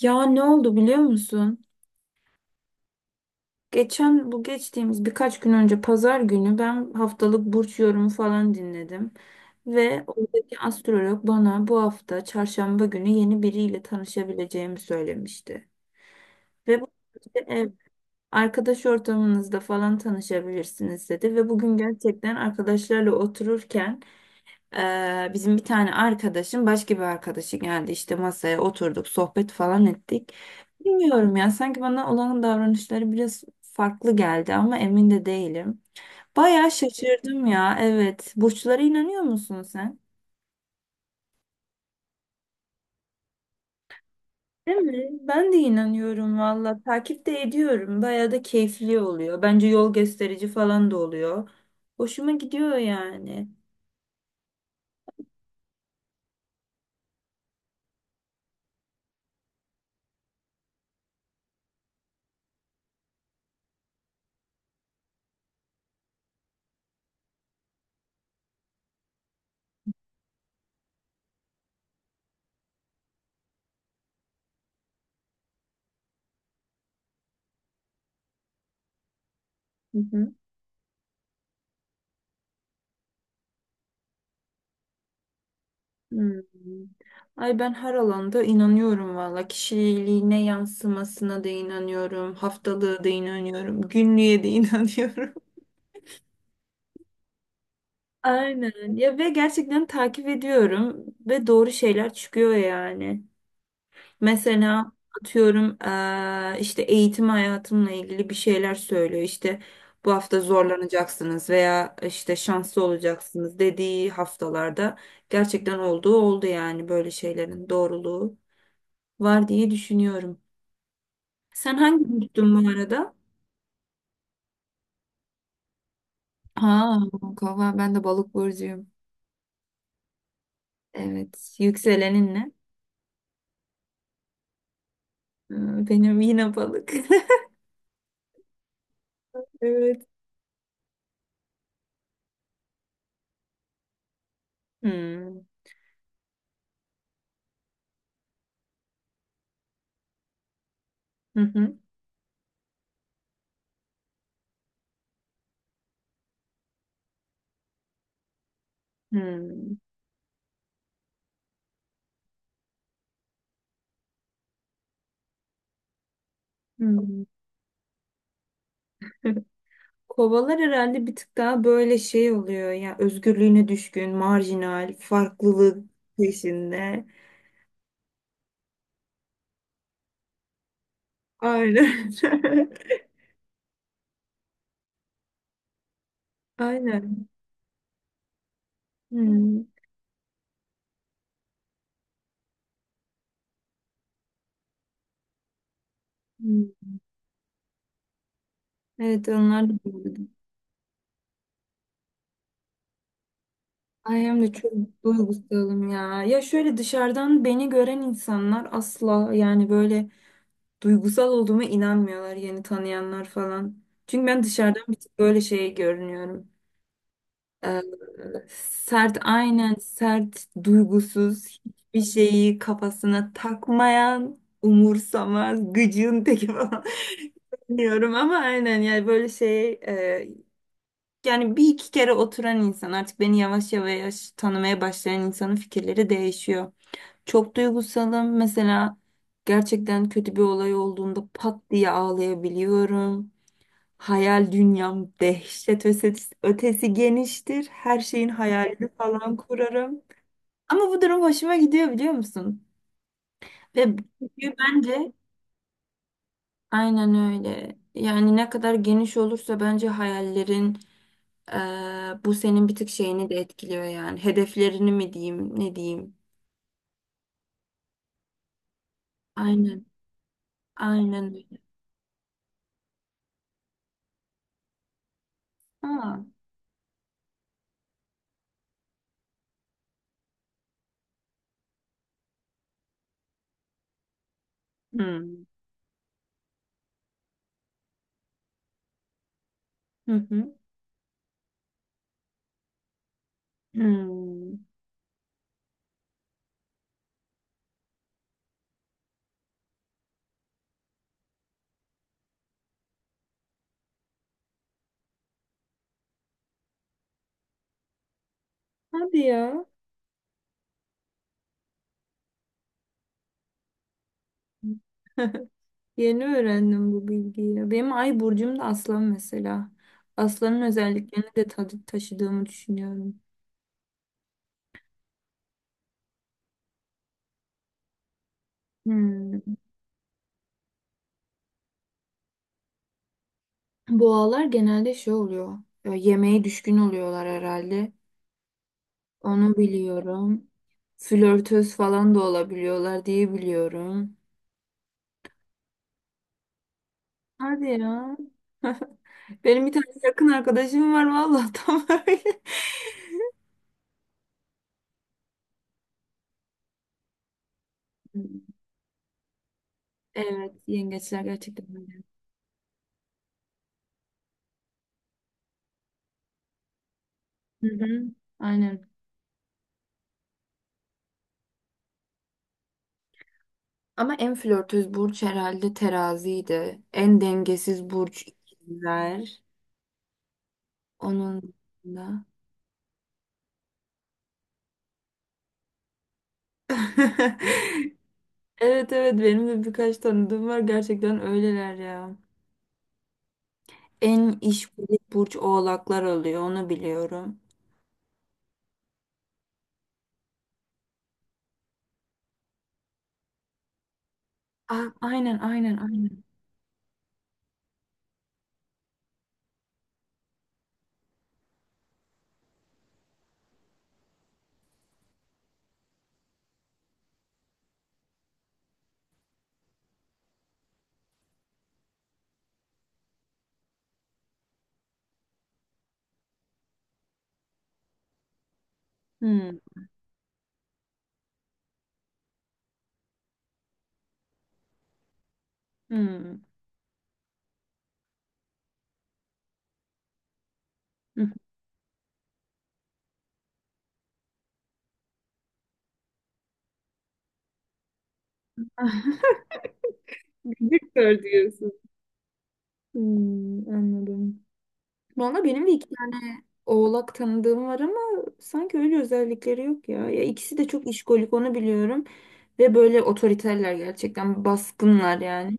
Ya ne oldu biliyor musun? Geçen bu geçtiğimiz birkaç gün önce pazar günü ben haftalık burç yorumu falan dinledim. Ve oradaki astrolog bana bu hafta çarşamba günü yeni biriyle tanışabileceğimi söylemişti. Ve bu işte ev, arkadaş ortamınızda falan tanışabilirsiniz dedi. Ve bugün gerçekten arkadaşlarla otururken bizim bir tane arkadaşım başka bir arkadaşı geldi işte masaya oturduk sohbet falan ettik. Bilmiyorum ya sanki bana olan davranışları biraz farklı geldi ama emin de değilim. Bayağı şaşırdım ya, evet. Burçlara inanıyor musun sen? Değil mi? Ben de inanıyorum valla. Takip de ediyorum. Bayağı da keyifli oluyor. Bence yol gösterici falan da oluyor. Hoşuma gidiyor yani. Hı hı. Hmm. Ay ben her alanda inanıyorum valla. Kişiliğine yansımasına da inanıyorum. Haftalığı da inanıyorum. Günlüğe de inanıyorum. Aynen. Ya ve gerçekten takip ediyorum ve doğru şeyler çıkıyor yani. Mesela atıyorum işte eğitim hayatımla ilgili bir şeyler söylüyor. İşte bu hafta zorlanacaksınız veya işte şanslı olacaksınız dediği haftalarda gerçekten olduğu oldu, yani böyle şeylerin doğruluğu var diye düşünüyorum. Sen hangi burçtun bu arada? Ha, kova, ben de balık burcuyum. Evet, yükselenin ne? Hmm, benim yine balık. Evet. Hmm. Hı hı. Hmm. Hmm. Kovalar herhalde bir tık daha böyle şey oluyor ya, özgürlüğüne düşkün, marjinal, farklılık peşinde. Aynen. Aynen. Hmm. Hmm. Evet, onlar da böyle. Ay hem de çok duygusalım ya. Ya şöyle dışarıdan beni gören insanlar asla, yani böyle duygusal olduğuma inanmıyorlar, yeni tanıyanlar falan. Çünkü ben dışarıdan bir tık böyle şey görünüyorum. Ee, sert, aynen, sert, duygusuz, hiçbir şeyi kafasına takmayan, umursamaz, gıcığın teki falan. Bilmiyorum ama aynen, yani böyle şey yani bir iki kere oturan insan, artık beni yavaş yavaş tanımaya başlayan insanın fikirleri değişiyor. Çok duygusalım. Mesela gerçekten kötü bir olay olduğunda pat diye ağlayabiliyorum. Hayal dünyam dehşet ötesi, ötesi geniştir. Her şeyin hayalini falan kurarım. Ama bu durum hoşuma gidiyor, biliyor musun? Ve çünkü bence aynen öyle. Yani ne kadar geniş olursa bence hayallerin bu senin bir tık şeyini de etkiliyor yani. Hedeflerini mi diyeyim, ne diyeyim? Aynen, aynen öyle. Aa. Hmm. Hı hı. Hmm. Hadi ya. Yeni öğrendim bu bilgiyi ya. Benim ay burcum da aslan mesela. Aslanın özelliklerini de tadı taşıdığımı düşünüyorum. Hmm. Boğalar genelde şey oluyor ya, yemeğe düşkün oluyorlar herhalde. Onu biliyorum. Flörtöz falan da olabiliyorlar diye biliyorum. Hadi ya. Benim bir tane yakın arkadaşım var vallahi tam öyle. Evet, yengeçler gerçekten öyle. Hı hı. Aynen. Ama en flörtöz burç herhalde teraziydi. En dengesiz burç ikizler. Onun da. Evet, evet, benim de birkaç tanıdığım var, gerçekten öyleler ya. En işkolik burç oğlaklar oluyor, onu biliyorum. A aynen, aynen, aynen. Hmm, hmm. Victor diyorsun. Hmm, anladım. Valla benim de iki tane oğlak tanıdığım var ama sanki öyle özellikleri yok ya. Ya ikisi de çok işkolik, onu biliyorum. Ve böyle otoriterler, gerçekten baskınlar yani.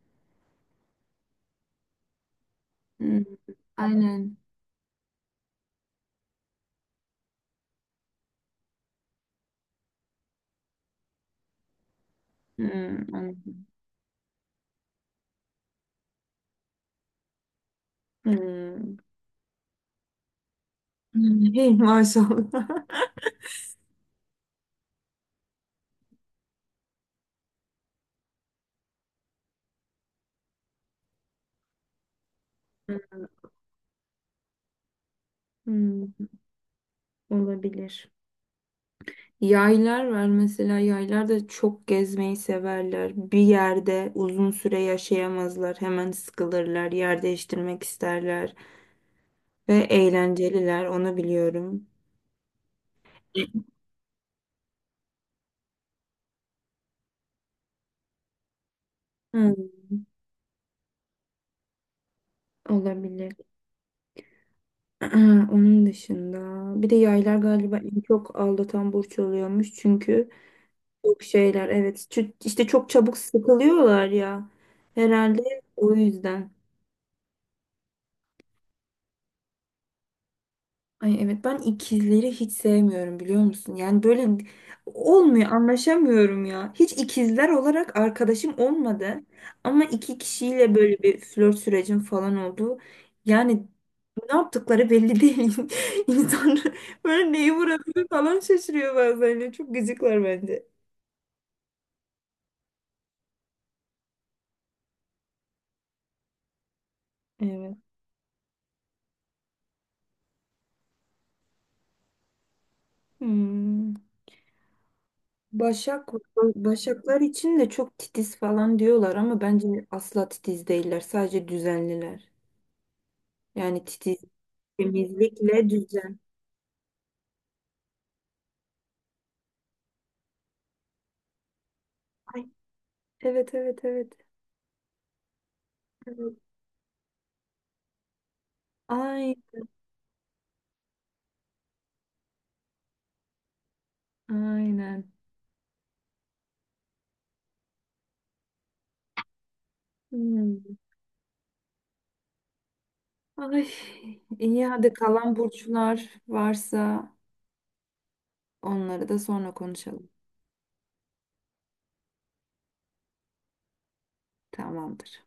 Hmm, aynen. Hmm, anladım. Hmm. Hmm, hey maşallah. Hmm, olabilir. Yaylar var mesela, yaylar da çok gezmeyi severler. Bir yerde uzun süre yaşayamazlar. Hemen sıkılırlar. Yer değiştirmek isterler. Ve eğlenceliler, onu biliyorum. Hmm, olabilir. Onun dışında bir de yaylar galiba en çok aldatan burç oluyormuş, çünkü çok şeyler, evet, işte çok çabuk sıkılıyorlar ya, herhalde o yüzden. Ay evet, ben ikizleri hiç sevmiyorum, biliyor musun? Yani böyle olmuyor, anlaşamıyorum ya. Hiç ikizler olarak arkadaşım olmadı. Ama iki kişiyle böyle bir flört sürecim falan oldu. Yani ne yaptıkları belli değil. İnsan böyle neyi vurabilir falan şaşırıyor bazen ya. Çok gıcıklar bence. Evet. Hmm. Başak, başaklar için de çok titiz falan diyorlar ama bence asla titiz değiller. Sadece düzenliler. Yani titiz. Temizlikle düzen. Ay, evet, evet, evet. Evet. Ay, aynen. Hmm. Ay, iyi, hadi kalan burçlar varsa onları da sonra konuşalım. Tamamdır.